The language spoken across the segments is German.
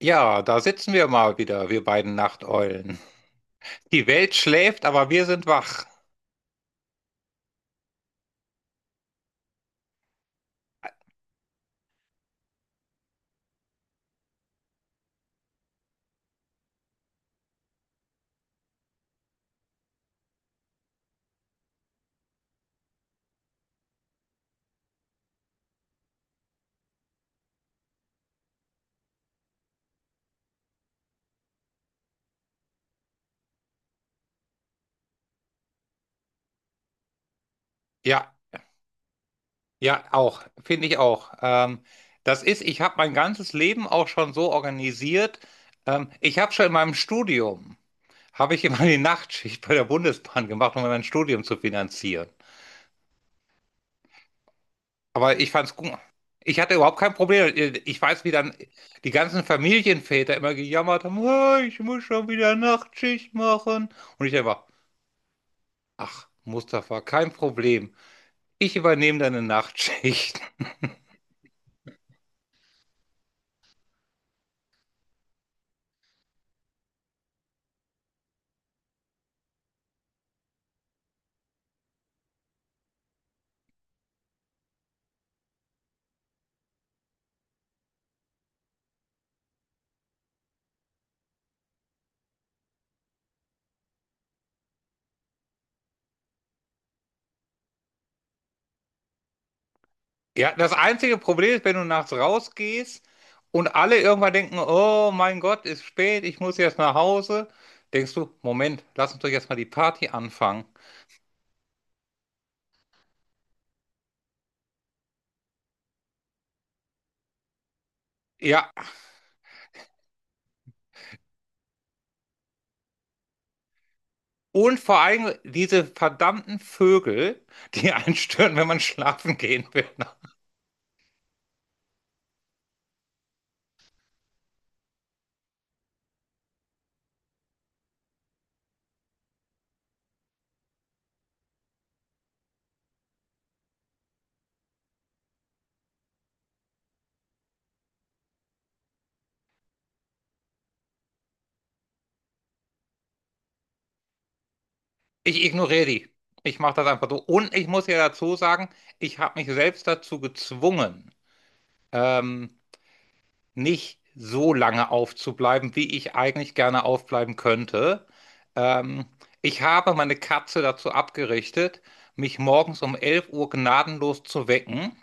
Ja, da sitzen wir mal wieder, wir beiden Nachteulen. Die Welt schläft, aber wir sind wach. Ja, ja, auch, finde ich auch. Das ist, ich habe mein ganzes Leben auch schon so organisiert. Ich habe schon in meinem Studium, habe ich immer die Nachtschicht bei der Bundesbahn gemacht, um mein Studium zu finanzieren. Aber ich fand's gut. Ich hatte überhaupt kein Problem. Ich weiß, wie dann die ganzen Familienväter immer gejammert haben: "Ah, ich muss schon wieder Nachtschicht machen." Und ich einfach: "Ach, Mustafa, kein Problem. Ich übernehme deine Nachtschicht." Ja, das einzige Problem ist, wenn du nachts rausgehst und alle irgendwann denken, oh mein Gott, ist spät, ich muss jetzt nach Hause, denkst du, Moment, lass uns doch jetzt mal die Party anfangen. Ja, und vor allem diese verdammten Vögel, die einen stören, wenn man schlafen gehen will. Ich ignoriere die. Ich mache das einfach so. Und ich muss ja dazu sagen, ich habe mich selbst dazu gezwungen. Ähm, Nicht so lange aufzubleiben, wie ich eigentlich gerne aufbleiben könnte. Ähm, Ich habe meine Katze dazu abgerichtet, mich morgens um 11 Uhr gnadenlos zu wecken.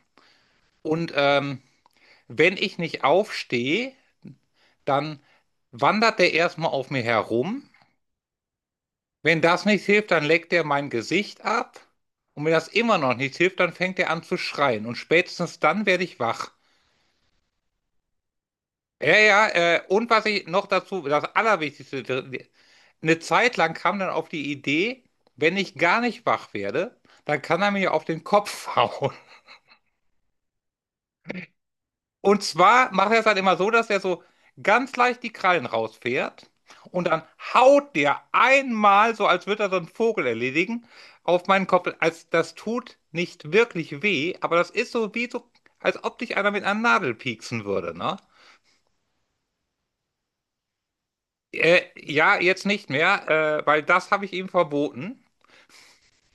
Und wenn ich nicht aufstehe, dann wandert der erstmal auf mir herum. Wenn das nicht hilft, dann leckt er mein Gesicht ab. Und wenn das immer noch nicht hilft, dann fängt er an zu schreien. Und spätestens dann werde ich wach. Ja, ja, und was ich noch dazu, das Allerwichtigste, eine Zeit lang kam dann auf die Idee, wenn ich gar nicht wach werde, dann kann er mir auf den Kopf hauen. Und zwar macht er es halt immer so, dass er so ganz leicht die Krallen rausfährt und dann haut der einmal, so als würde er so einen Vogel erledigen, auf meinen Kopf. Also das tut nicht wirklich weh, aber das ist so wie so, als ob dich einer mit einer Nadel pieksen würde, ne? Ja, jetzt nicht mehr, weil das habe ich ihm verboten.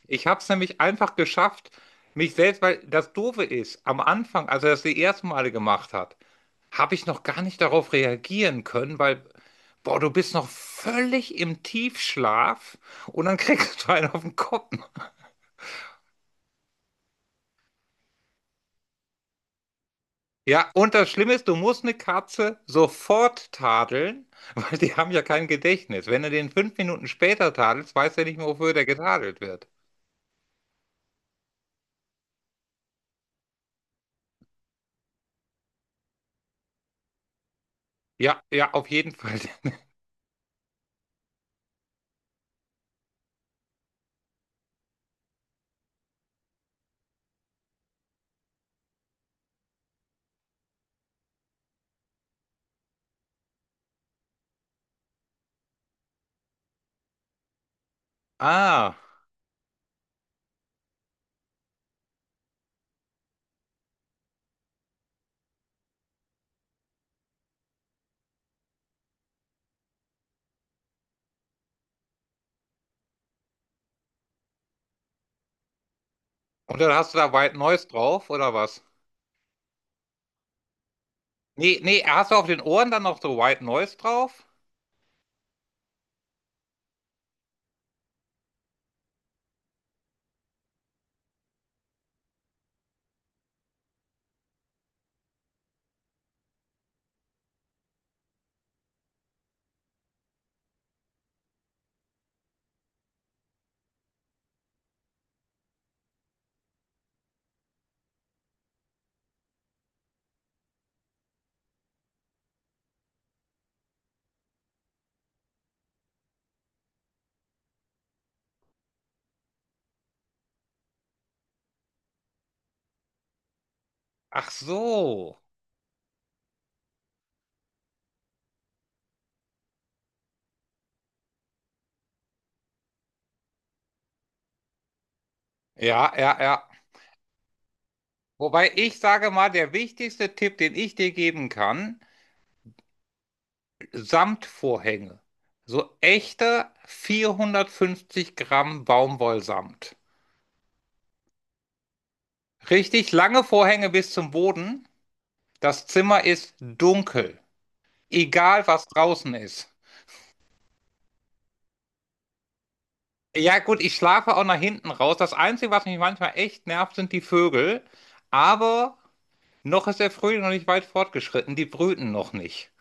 Ich habe es nämlich einfach geschafft, mich selbst, weil das Doofe ist, am Anfang, als er das die ersten Male gemacht hat, habe ich noch gar nicht darauf reagieren können, weil, boah, du bist noch völlig im Tiefschlaf und dann kriegst du einen auf den Kopf. Ja, und das Schlimme ist, du musst eine Katze sofort tadeln, weil die haben ja kein Gedächtnis. Wenn du den 5 Minuten später tadelst, weiß er nicht mehr, wofür der getadelt wird. Ja, ja, auf jeden Fall. Ah, und dann hast du da White Noise drauf, oder was? Nee, nee, hast du auf den Ohren dann noch so White Noise drauf? Ach so. Ja, ja, ja. Wobei, ich sage mal, der wichtigste Tipp, den ich dir geben kann: Samtvorhänge. So echte 450 Gramm Baumwollsamt. Richtig lange Vorhänge bis zum Boden. Das Zimmer ist dunkel. Egal, was draußen ist. Ja, gut, ich schlafe auch nach hinten raus. Das Einzige, was mich manchmal echt nervt, sind die Vögel. Aber noch ist der Frühling noch nicht weit fortgeschritten, die brüten noch nicht.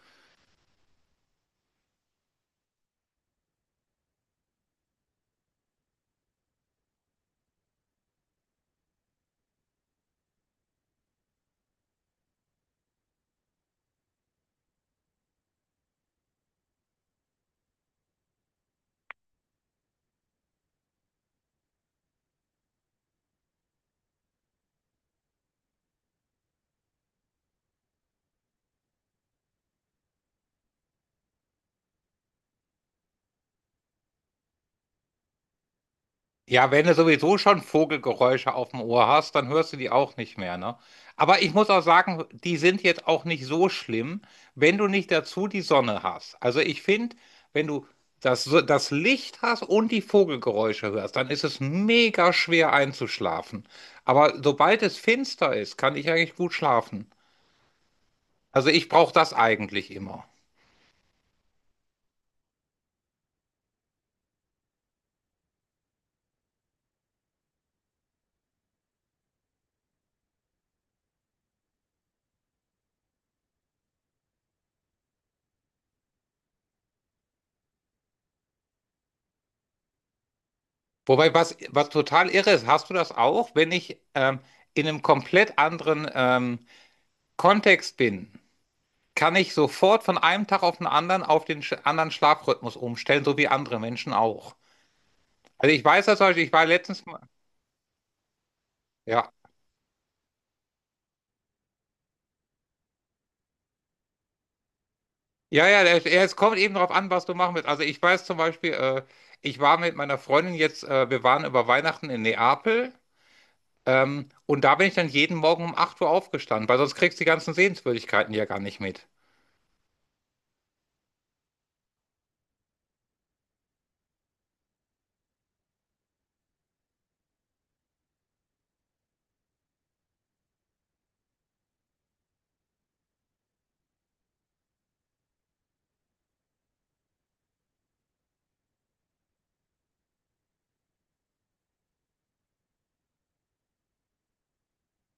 Ja, wenn du sowieso schon Vogelgeräusche auf dem Ohr hast, dann hörst du die auch nicht mehr, ne? Aber ich muss auch sagen, die sind jetzt auch nicht so schlimm, wenn du nicht dazu die Sonne hast. Also ich finde, wenn du das, das Licht hast und die Vogelgeräusche hörst, dann ist es mega schwer einzuschlafen. Aber sobald es finster ist, kann ich eigentlich gut schlafen. Also ich brauche das eigentlich immer. Wobei, was total irre ist, hast du das auch, wenn ich in einem komplett anderen Kontext bin, kann ich sofort von einem Tag auf den anderen auf den sch anderen Schlafrhythmus umstellen, so wie andere Menschen auch. Also ich weiß das zum Beispiel, ich war letztens mal, ja, ja, ja, ja, es kommt eben darauf an, was du machen willst. Also ich weiß zum Beispiel, ich war mit meiner Freundin jetzt, wir waren über Weihnachten in Neapel. Und da bin ich dann jeden Morgen um 8 Uhr aufgestanden, weil sonst kriegst du die ganzen Sehenswürdigkeiten ja gar nicht mit.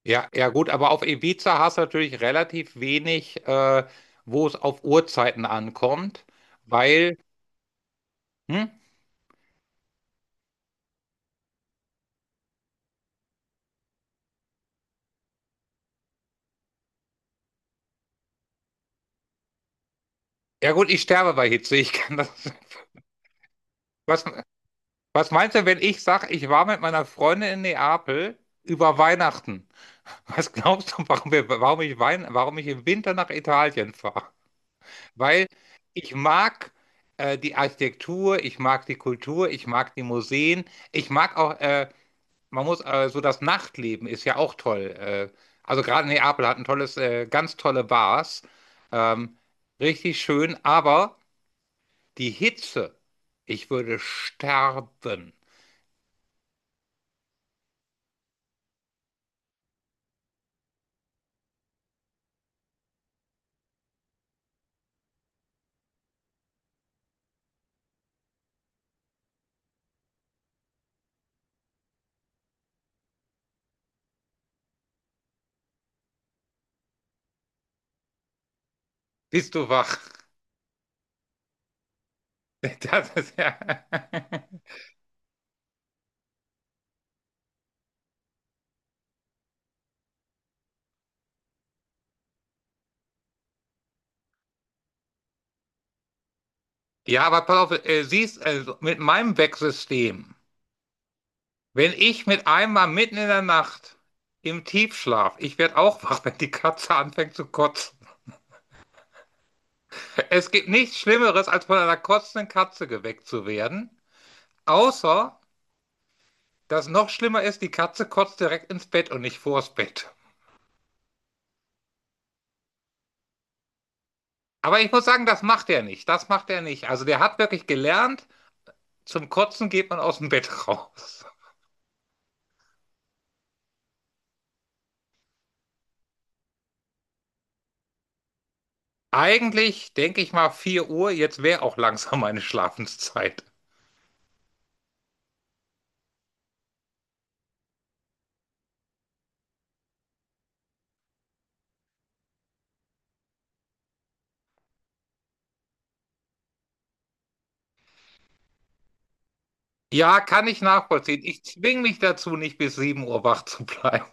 Ja, ja gut, aber auf Ibiza hast du natürlich relativ wenig, wo es auf Uhrzeiten ankommt, weil, hm? Ja gut, ich sterbe bei Hitze. Ich kann das. Was, was meinst du, wenn ich sage, ich war mit meiner Freundin in Neapel über Weihnachten? Was glaubst du, warum, wir, warum, ich, Wein, warum ich im Winter nach Italien fahre? Weil ich mag die Architektur, ich mag die Kultur, ich mag die Museen, ich mag auch so, das Nachtleben ist ja auch toll. Also gerade Neapel hat ganz tolle Bars. Ähm, Richtig schön, aber die Hitze, ich würde sterben. Bist du wach? Das ist ja. Ja, aber pass auf, mit meinem Wecksystem, wenn ich mit einmal mitten in der Nacht im Tiefschlaf, ich werde auch wach, wenn die Katze anfängt zu kotzen. Es gibt nichts Schlimmeres, als von einer kotzenden Katze geweckt zu werden. Außer, dass noch schlimmer ist, die Katze kotzt direkt ins Bett und nicht vors Bett. Aber ich muss sagen, das macht er nicht. Das macht er nicht. Also der hat wirklich gelernt, zum Kotzen geht man aus dem Bett raus. Eigentlich denke ich mal 4 Uhr, jetzt wäre auch langsam meine Schlafenszeit. Ja, kann ich nachvollziehen. Ich zwinge mich dazu, nicht bis 7 Uhr wach zu bleiben.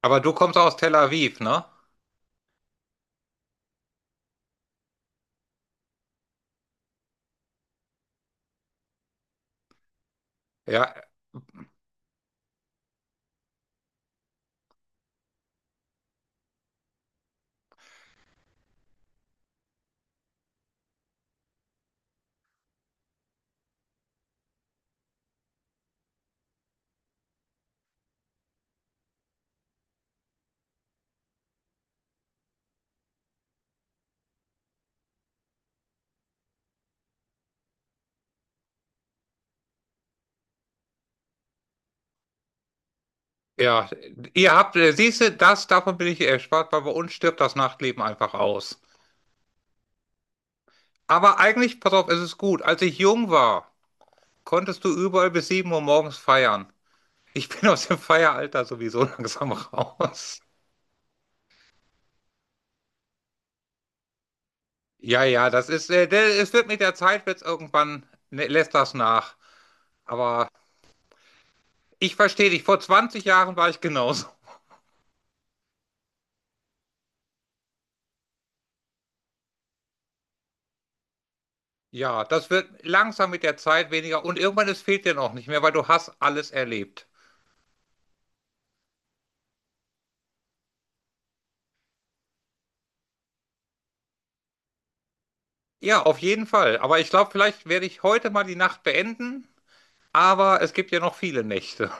Aber du kommst aus Tel Aviv, ne? Ja, ja. Ihr habt, siehst du, das, davon bin ich erspart, weil bei uns stirbt das Nachtleben einfach aus. Aber eigentlich, pass auf, es ist gut. Als ich jung war, konntest du überall bis 7 Uhr morgens feiern. Ich bin aus dem Feieralter sowieso langsam raus. Ja, ja, das ist, der, es wird mit der Zeit, wird's irgendwann, ne, lässt das nach. Aber ich verstehe dich, vor 20 Jahren war ich genauso. Ja, das wird langsam mit der Zeit weniger und irgendwann es fehlt dir noch nicht mehr, weil du hast alles erlebt. Ja, auf jeden Fall. Aber ich glaube, vielleicht werde ich heute mal die Nacht beenden, aber es gibt ja noch viele Nächte.